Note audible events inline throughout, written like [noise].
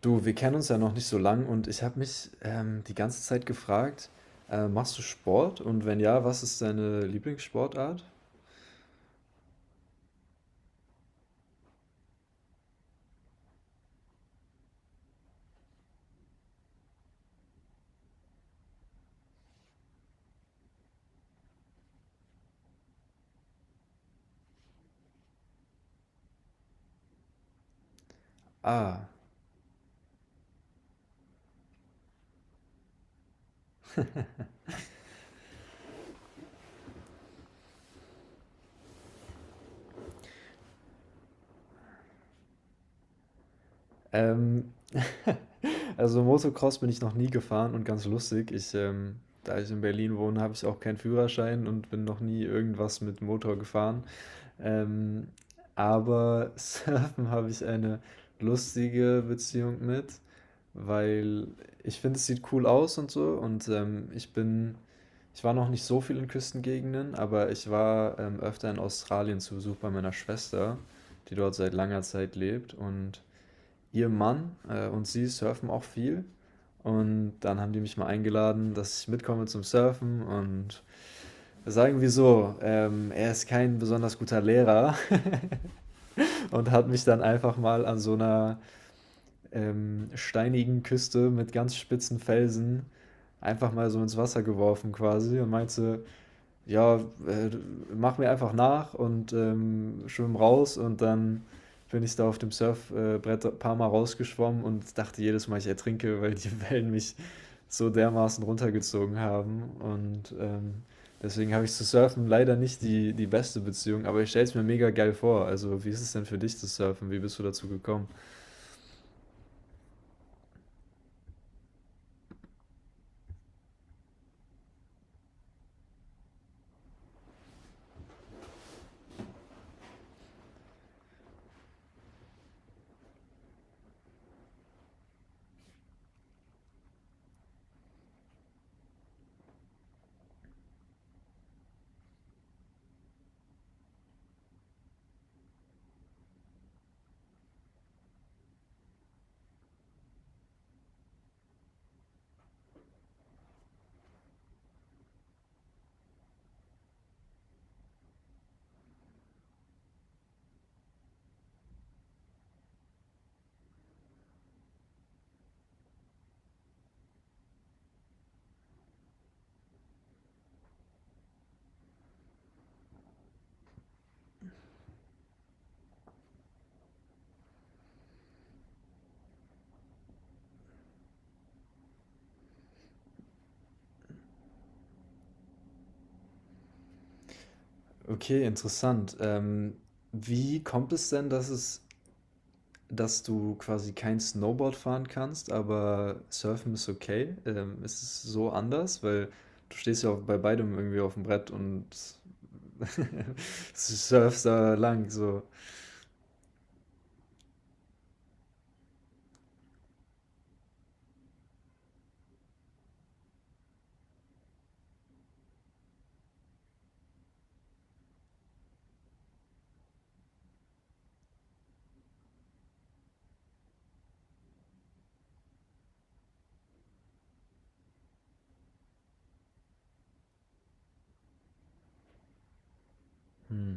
Du, wir kennen uns ja noch nicht so lang und ich habe mich die ganze Zeit gefragt, machst du Sport? Und wenn ja, was ist deine Lieblingssportart? Ah, ähm, also Motocross bin ich noch nie gefahren und ganz lustig, da ich in Berlin wohne, habe ich auch keinen Führerschein und bin noch nie irgendwas mit Motor gefahren. Ähm, aber [laughs] Surfen habe ich eine lustige Beziehung mit, weil ich finde, es sieht cool aus und so und ich war noch nicht so viel in Küstengegenden, aber ich war, öfter in Australien zu Besuch bei meiner Schwester, die dort seit langer Zeit lebt. Und ihr Mann, und sie surfen auch viel. Und dann haben die mich mal eingeladen, dass ich mitkomme zum Surfen. Und sagen wir so, er ist kein besonders guter Lehrer [laughs] und hat mich dann einfach mal an so einer steinigen Küste mit ganz spitzen Felsen einfach mal so ins Wasser geworfen quasi und meinte: ja, äh, mach mir einfach nach und schwimm raus und dann bin ich da auf dem Surfbrett ein paar Mal rausgeschwommen und dachte jedes Mal, ich ertrinke, weil die Wellen mich so dermaßen runtergezogen haben. Und deswegen habe ich zu Surfen leider nicht die beste Beziehung, aber ich stelle es mir mega geil vor. Also, wie ist es denn für dich zu surfen? Wie bist du dazu gekommen? Okay, interessant. Wie kommt es denn, dass du quasi kein Snowboard fahren kannst, aber Surfen ist okay. Es ist so anders, weil du stehst ja auf, bei beidem irgendwie auf dem Brett und [laughs] surfst da lang. So. Hm,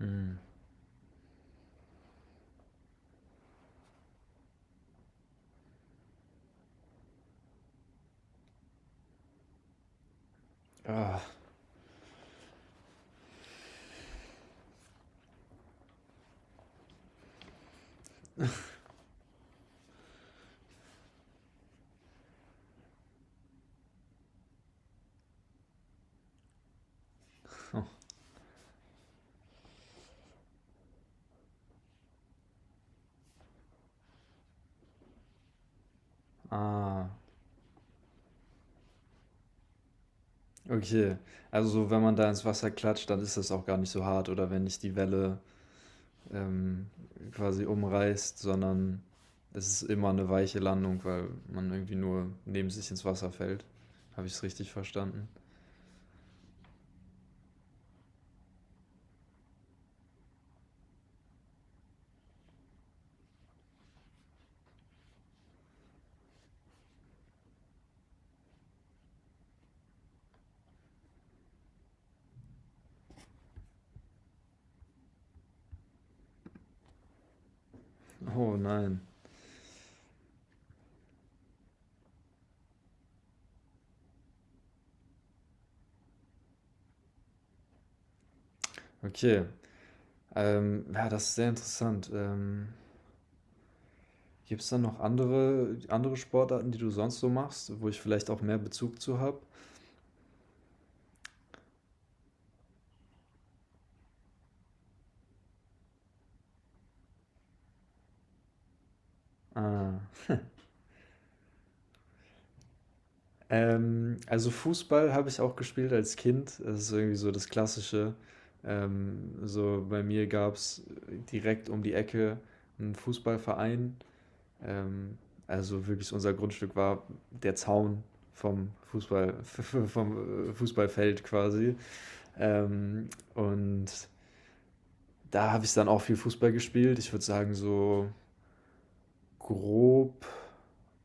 hm. Ah, ah, okay. Also so, wenn man da ins Wasser klatscht, dann ist das auch gar nicht so hart oder wenn nicht die Welle ähm, quasi umreißt, sondern es ist immer eine weiche Landung, weil man irgendwie nur neben sich ins Wasser fällt. Habe ich es richtig verstanden? Oh nein. Okay. Ja, das ist sehr interessant. Gibt es dann noch andere Sportarten, die du sonst so machst, wo ich vielleicht auch mehr Bezug zu habe? Ah. Also Fußball habe ich auch gespielt als Kind. Das ist irgendwie so das Klassische. So bei mir gab es direkt um die Ecke einen Fußballverein. Ähm, also wirklich unser Grundstück war der Zaun vom Fußball, [laughs] vom Fußballfeld quasi. Ähm, und da habe ich dann auch viel Fußball gespielt. Ich würde sagen, so grob,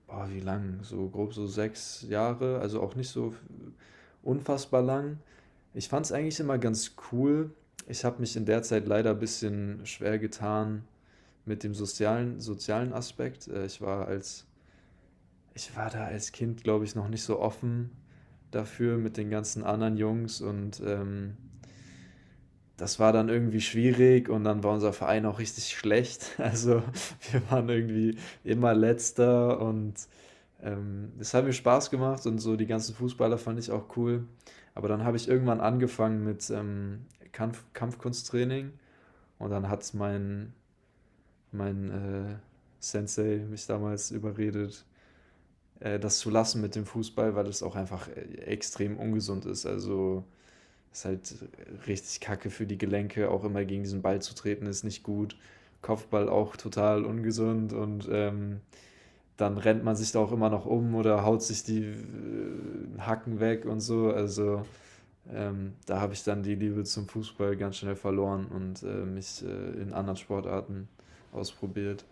boah, wie lang? So grob so sechs Jahre, also auch nicht so unfassbar lang. Ich fand es eigentlich immer ganz cool. Ich habe mich in der Zeit leider ein bisschen schwer getan mit dem sozialen Aspekt. Ich war da als Kind, glaube ich, noch nicht so offen dafür mit den ganzen anderen Jungs und das war dann irgendwie schwierig und dann war unser Verein auch richtig schlecht. [laughs] Also wir waren irgendwie immer Letzter und das hat mir Spaß gemacht und so die ganzen Fußballer fand ich auch cool. Aber dann habe ich irgendwann angefangen mit Kampfkunsttraining und dann hat mein Sensei mich damals überredet, das zu lassen mit dem Fußball, weil es auch einfach extrem ungesund ist. Also ist halt richtig kacke für die Gelenke, auch immer gegen diesen Ball zu treten, ist nicht gut. Kopfball auch total ungesund und dann rennt man sich da auch immer noch um oder haut sich die Hacken weg und so. Also da habe ich dann die Liebe zum Fußball ganz schnell verloren und mich in anderen Sportarten ausprobiert.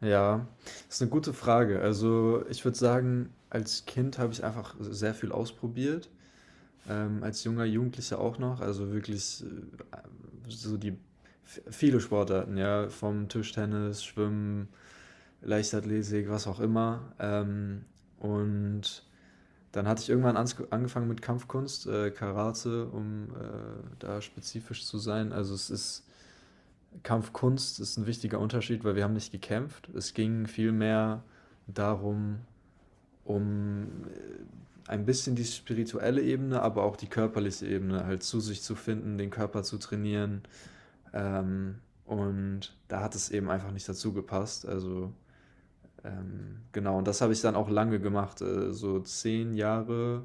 Ja, das ist eine gute Frage. Also ich würde sagen, als Kind habe ich einfach sehr viel ausprobiert. Als junger Jugendlicher auch noch, also wirklich so die viele Sportarten, ja, vom Tischtennis, Schwimmen, Leichtathletik, was auch immer. Und dann hatte ich irgendwann ans angefangen mit Kampfkunst, Karate, um da spezifisch zu sein. Also es ist Kampfkunst ist ein wichtiger Unterschied, weil wir haben nicht gekämpft. Es ging vielmehr darum, um ein bisschen die spirituelle Ebene, aber auch die körperliche Ebene halt zu sich zu finden, den Körper zu trainieren. Ähm, und da hat es eben einfach nicht dazu gepasst. Also genau, und das habe ich dann auch lange gemacht. So zehn Jahre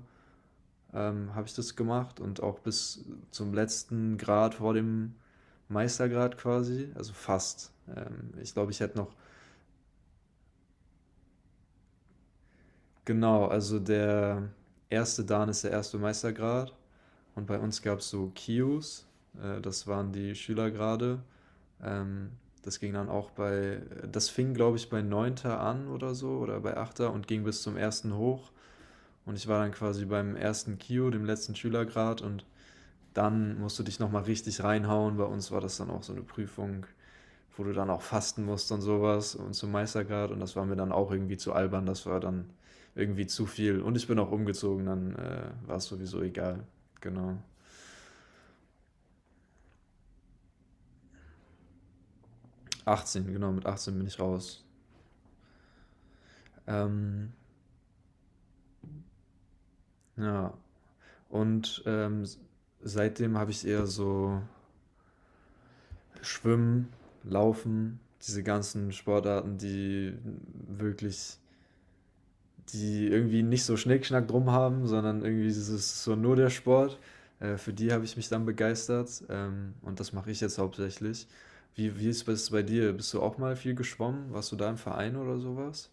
habe ich das gemacht und auch bis zum letzten Grad vor dem Meistergrad quasi. Also fast. Ich glaube, ich hätte noch. Genau, also der erste Dan ist der erste Meistergrad und bei uns gab es so Kius, das waren die Schülergrade. Ähm, das ging dann auch bei, das fing glaube ich bei Neunter an oder so oder bei Achter und ging bis zum ersten hoch und ich war dann quasi beim ersten Kio, dem letzten Schülergrad und dann musst du dich nochmal richtig reinhauen. Bei uns war das dann auch so eine Prüfung, wo du dann auch fasten musst und sowas und zum Meistergrad. Und das war mir dann auch irgendwie zu albern. Das war dann irgendwie zu viel. Und ich bin auch umgezogen, dann war es sowieso egal. Genau. 18, genau, mit 18 bin ich raus. Ähm, ja. Und seitdem habe ich eher so Schwimmen, Laufen, diese ganzen Sportarten, die wirklich die irgendwie nicht so Schnickschnack drum haben, sondern irgendwie ist es so nur der Sport. Für die habe ich mich dann begeistert und das mache ich jetzt hauptsächlich. Wie ist es bei dir? Bist du auch mal viel geschwommen? Warst du da im Verein oder sowas?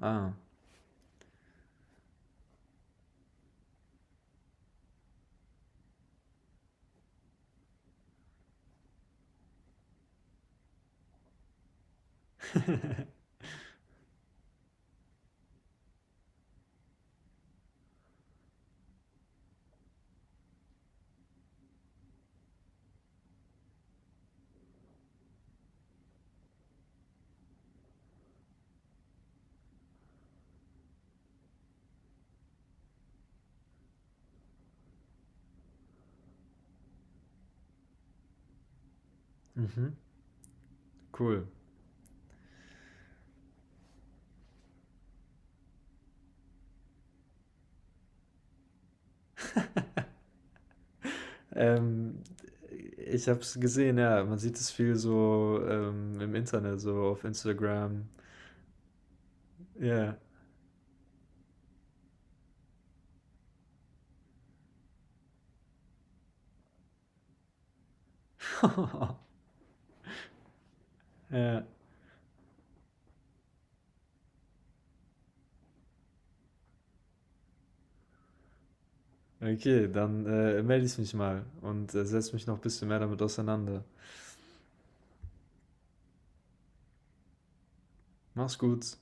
Ah, mhm, cool. Ähm, Ich habe es gesehen, ja. Man sieht es viel so im Internet, so auf Instagram. Ja. [laughs] Ja. Okay, dann melde ich mich mal und setze mich noch ein bisschen mehr damit auseinander. Mach's gut.